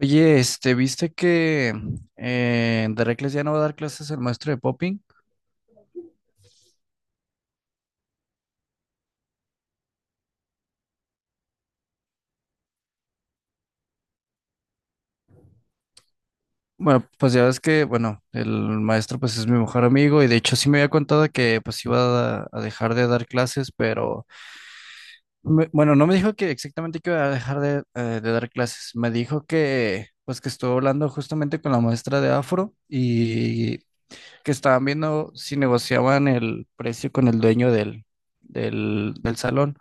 Oye, ¿viste que en Derrecles ya no va a dar clases el maestro de popping? Bueno, pues ya ves que, bueno, el maestro pues es mi mejor amigo y de hecho sí me había contado que pues iba a dejar de dar clases, pero bueno, no me dijo que exactamente que iba a dejar de dar clases, me dijo que pues que estuvo hablando justamente con la maestra de Afro y que estaban viendo si negociaban el precio con el dueño del salón.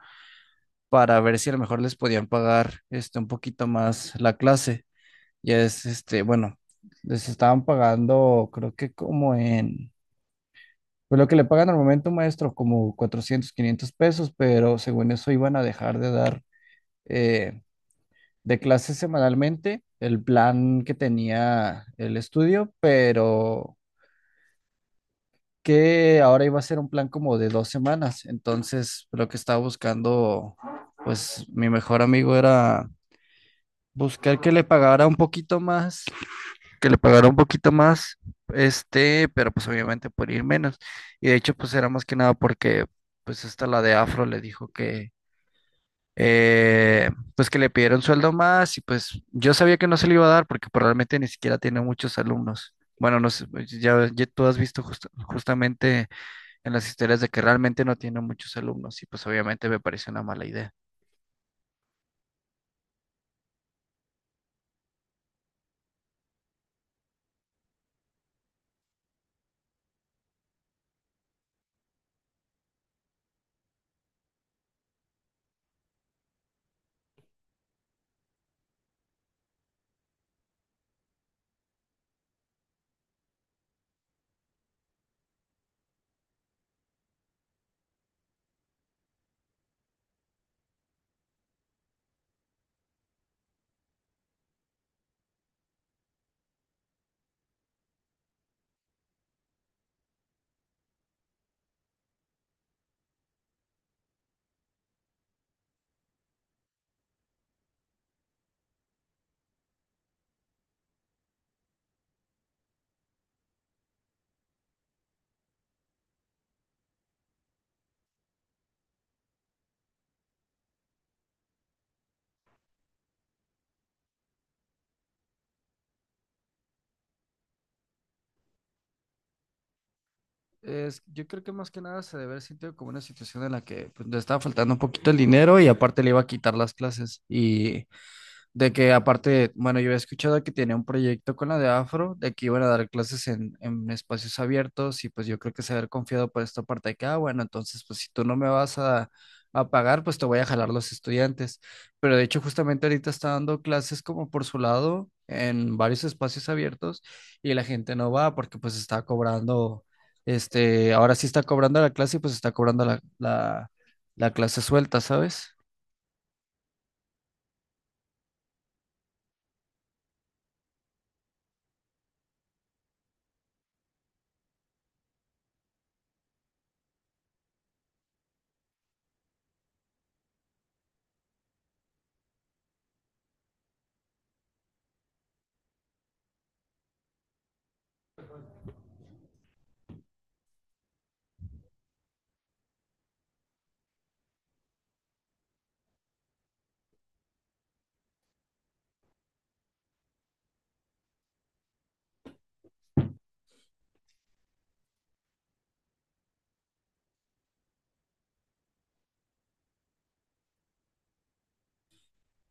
Para ver si a lo mejor les podían pagar un poquito más la clase. Bueno, les estaban pagando, creo que como en, pues lo que le pagan al momento, maestro, como 400 500 pesos, pero según eso iban a dejar de dar, eh, de clases semanalmente el plan que tenía el estudio, pero que ahora iba a ser un plan como de 2 semanas. Entonces, lo que estaba buscando, pues mi mejor amigo era buscar que le pagara un poquito más, que le pagara un poquito más, pero pues obviamente por ir menos. Y de hecho, pues era más que nada porque, pues esta la de Afro le dijo que, eh, pues que le pidieron sueldo más y pues yo sabía que no se le iba a dar porque probablemente ni siquiera tiene muchos alumnos. Bueno, no sé, pues, ya, ya tú has visto justamente en las historias de que realmente no tiene muchos alumnos y pues obviamente me parece una mala idea. Es, yo creo que más que nada se debe haber sentido como una situación en la que pues, le estaba faltando un poquito el dinero y aparte le iba a quitar las clases. Y de que aparte, bueno, yo había escuchado que tenía un proyecto con la de Afro, de que iban a dar clases en espacios abiertos y pues yo creo que se haber confiado por esta parte de que, ah, bueno, entonces pues si tú no me vas a pagar, pues te voy a jalar los estudiantes. Pero de hecho justamente ahorita está dando clases como por su lado en varios espacios abiertos y la gente no va porque pues está cobrando, ahora sí está cobrando la clase y pues está cobrando la clase suelta, ¿sabes?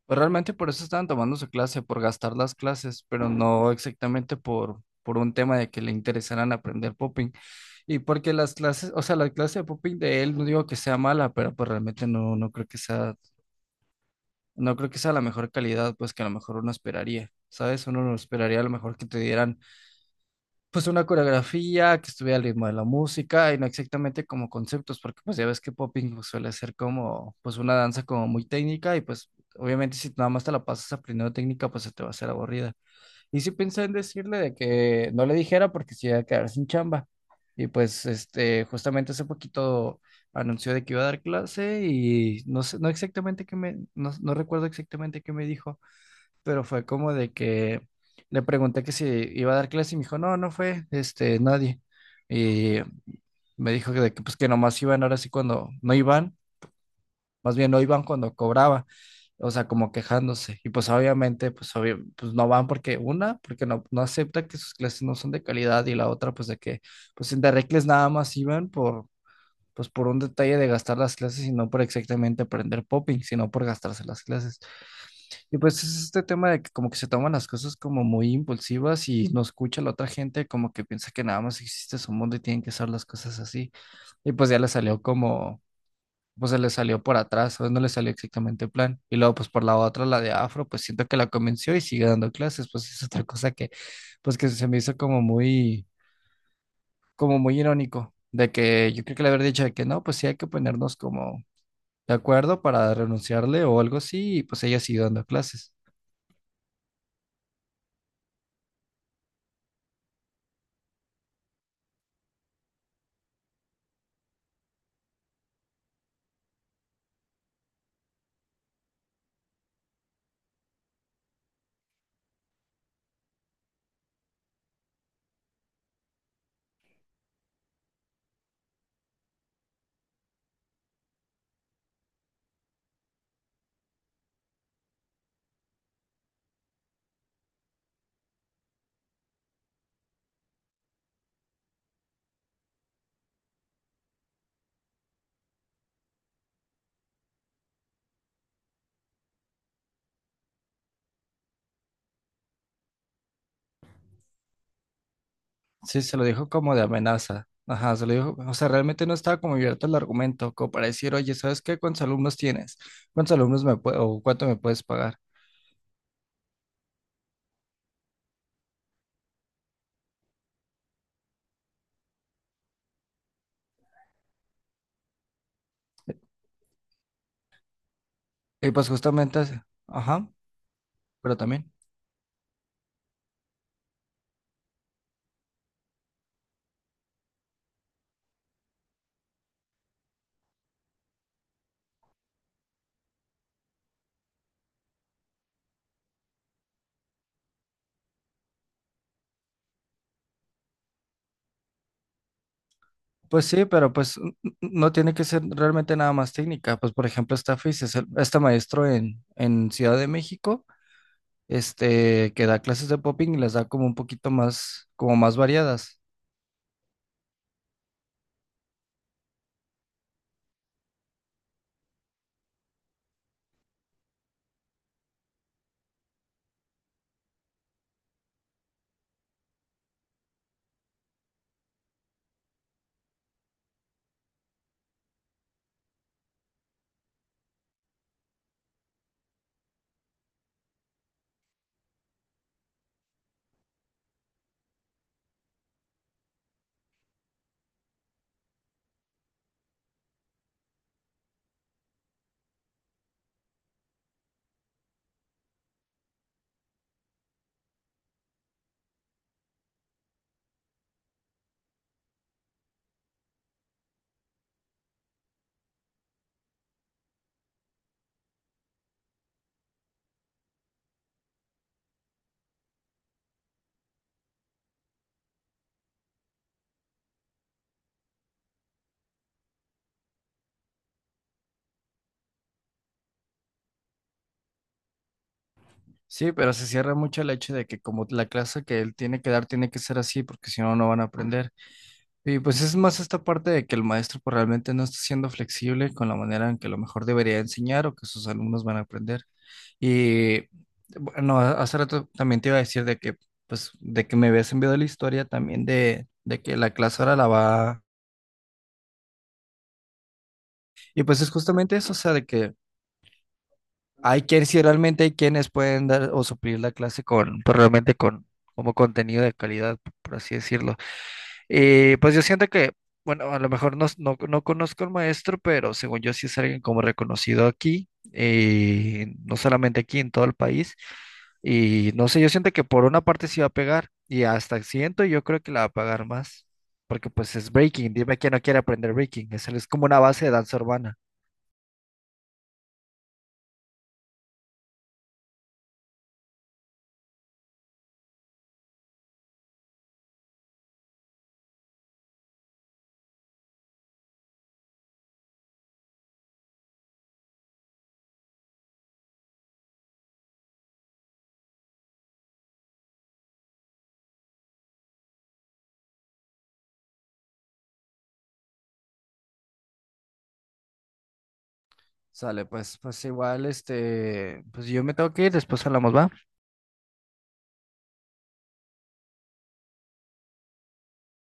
Pues realmente por eso estaban tomando su clase, por gastar las clases, pero no exactamente por un tema de que le interesaran aprender popping. Y porque las clases, o sea, la clase de popping de él, no digo que sea mala, pero pues realmente no creo que sea, la mejor calidad, pues que a lo mejor uno esperaría, ¿sabes? Uno no esperaría a lo mejor que te dieran pues una coreografía que estuviera al ritmo de la música y no exactamente como conceptos, porque pues ya ves que popping pues, suele ser como pues una danza como muy técnica y pues obviamente si nada más te la pasas aprendiendo técnica pues se te va a hacer aburrida. Y sí pensé en decirle de que no le dijera porque se iba a quedar sin chamba. Y pues justamente hace poquito anunció de que iba a dar clase y no sé, no exactamente qué me, no, no recuerdo exactamente qué me dijo pero fue como de que le pregunté que si iba a dar clase y me dijo, no, no fue, nadie. Y me dijo que, de que, pues que nomás iban ahora sí cuando no iban, más bien no iban cuando cobraba, o sea, como quejándose. Y pues obviamente, pues, obvio- pues no van porque una, porque no acepta que sus clases no son de calidad y la otra, pues de que, pues en Derrecles nada más iban por, pues por un detalle de gastar las clases y no por exactamente aprender popping, sino por gastarse las clases. Y pues es este tema de que como que se toman las cosas como muy impulsivas y no escucha la otra gente, como que piensa que nada más existe su mundo y tienen que ser las cosas así. Y pues ya le salió como, pues se le salió por atrás, o no le salió exactamente el plan. Y luego pues por la otra, la de Afro, pues siento que la convenció y sigue dando clases, pues es otra cosa que, pues que se me hizo como muy irónico, de que yo creo que le haber dicho de que no, pues sí hay que ponernos como de acuerdo para renunciarle o algo así, y pues ella siguió dando clases. Sí, se lo dijo como de amenaza. Ajá, se lo dijo, o sea, realmente no estaba como abierto el argumento, como para decir, oye, ¿sabes qué? ¿Cuántos alumnos tienes? ¿Cuántos alumnos me puedo, o cuánto me puedes pagar? Y pues justamente, ajá, pero también. Pues sí, pero pues no tiene que ser realmente nada más técnica. Pues por ejemplo, está Fis, es este maestro en, Ciudad de México, que da clases de popping y las da como un poquito más, como más variadas. Sí, pero se cierra mucho el hecho de que como la clase que él tiene que dar tiene que ser así, porque si no van a aprender. Y pues es más esta parte de que el maestro pues, realmente no está siendo flexible con la manera en que a lo mejor debería enseñar o que sus alumnos van a aprender. Y bueno, hace rato también te iba a decir de que, pues, de que me habías enviado la historia también de que la clase ahora la va. Y pues es justamente eso, o sea, de que hay quienes, si realmente hay quienes pueden dar o suplir la clase con, pues realmente con, como contenido de calidad, por así decirlo. Y pues yo siento que, bueno, a lo mejor no conozco al maestro, pero según yo sí es alguien como reconocido aquí, no solamente aquí, en todo el país. Y no sé, yo siento que por una parte sí va a pegar y hasta siento yo creo que la va a pagar más, porque pues es breaking, dime quién no quiere aprender breaking, es como una base de danza urbana. Sale, pues, igual, pues yo me tengo que ir, después hablamos, ¿va?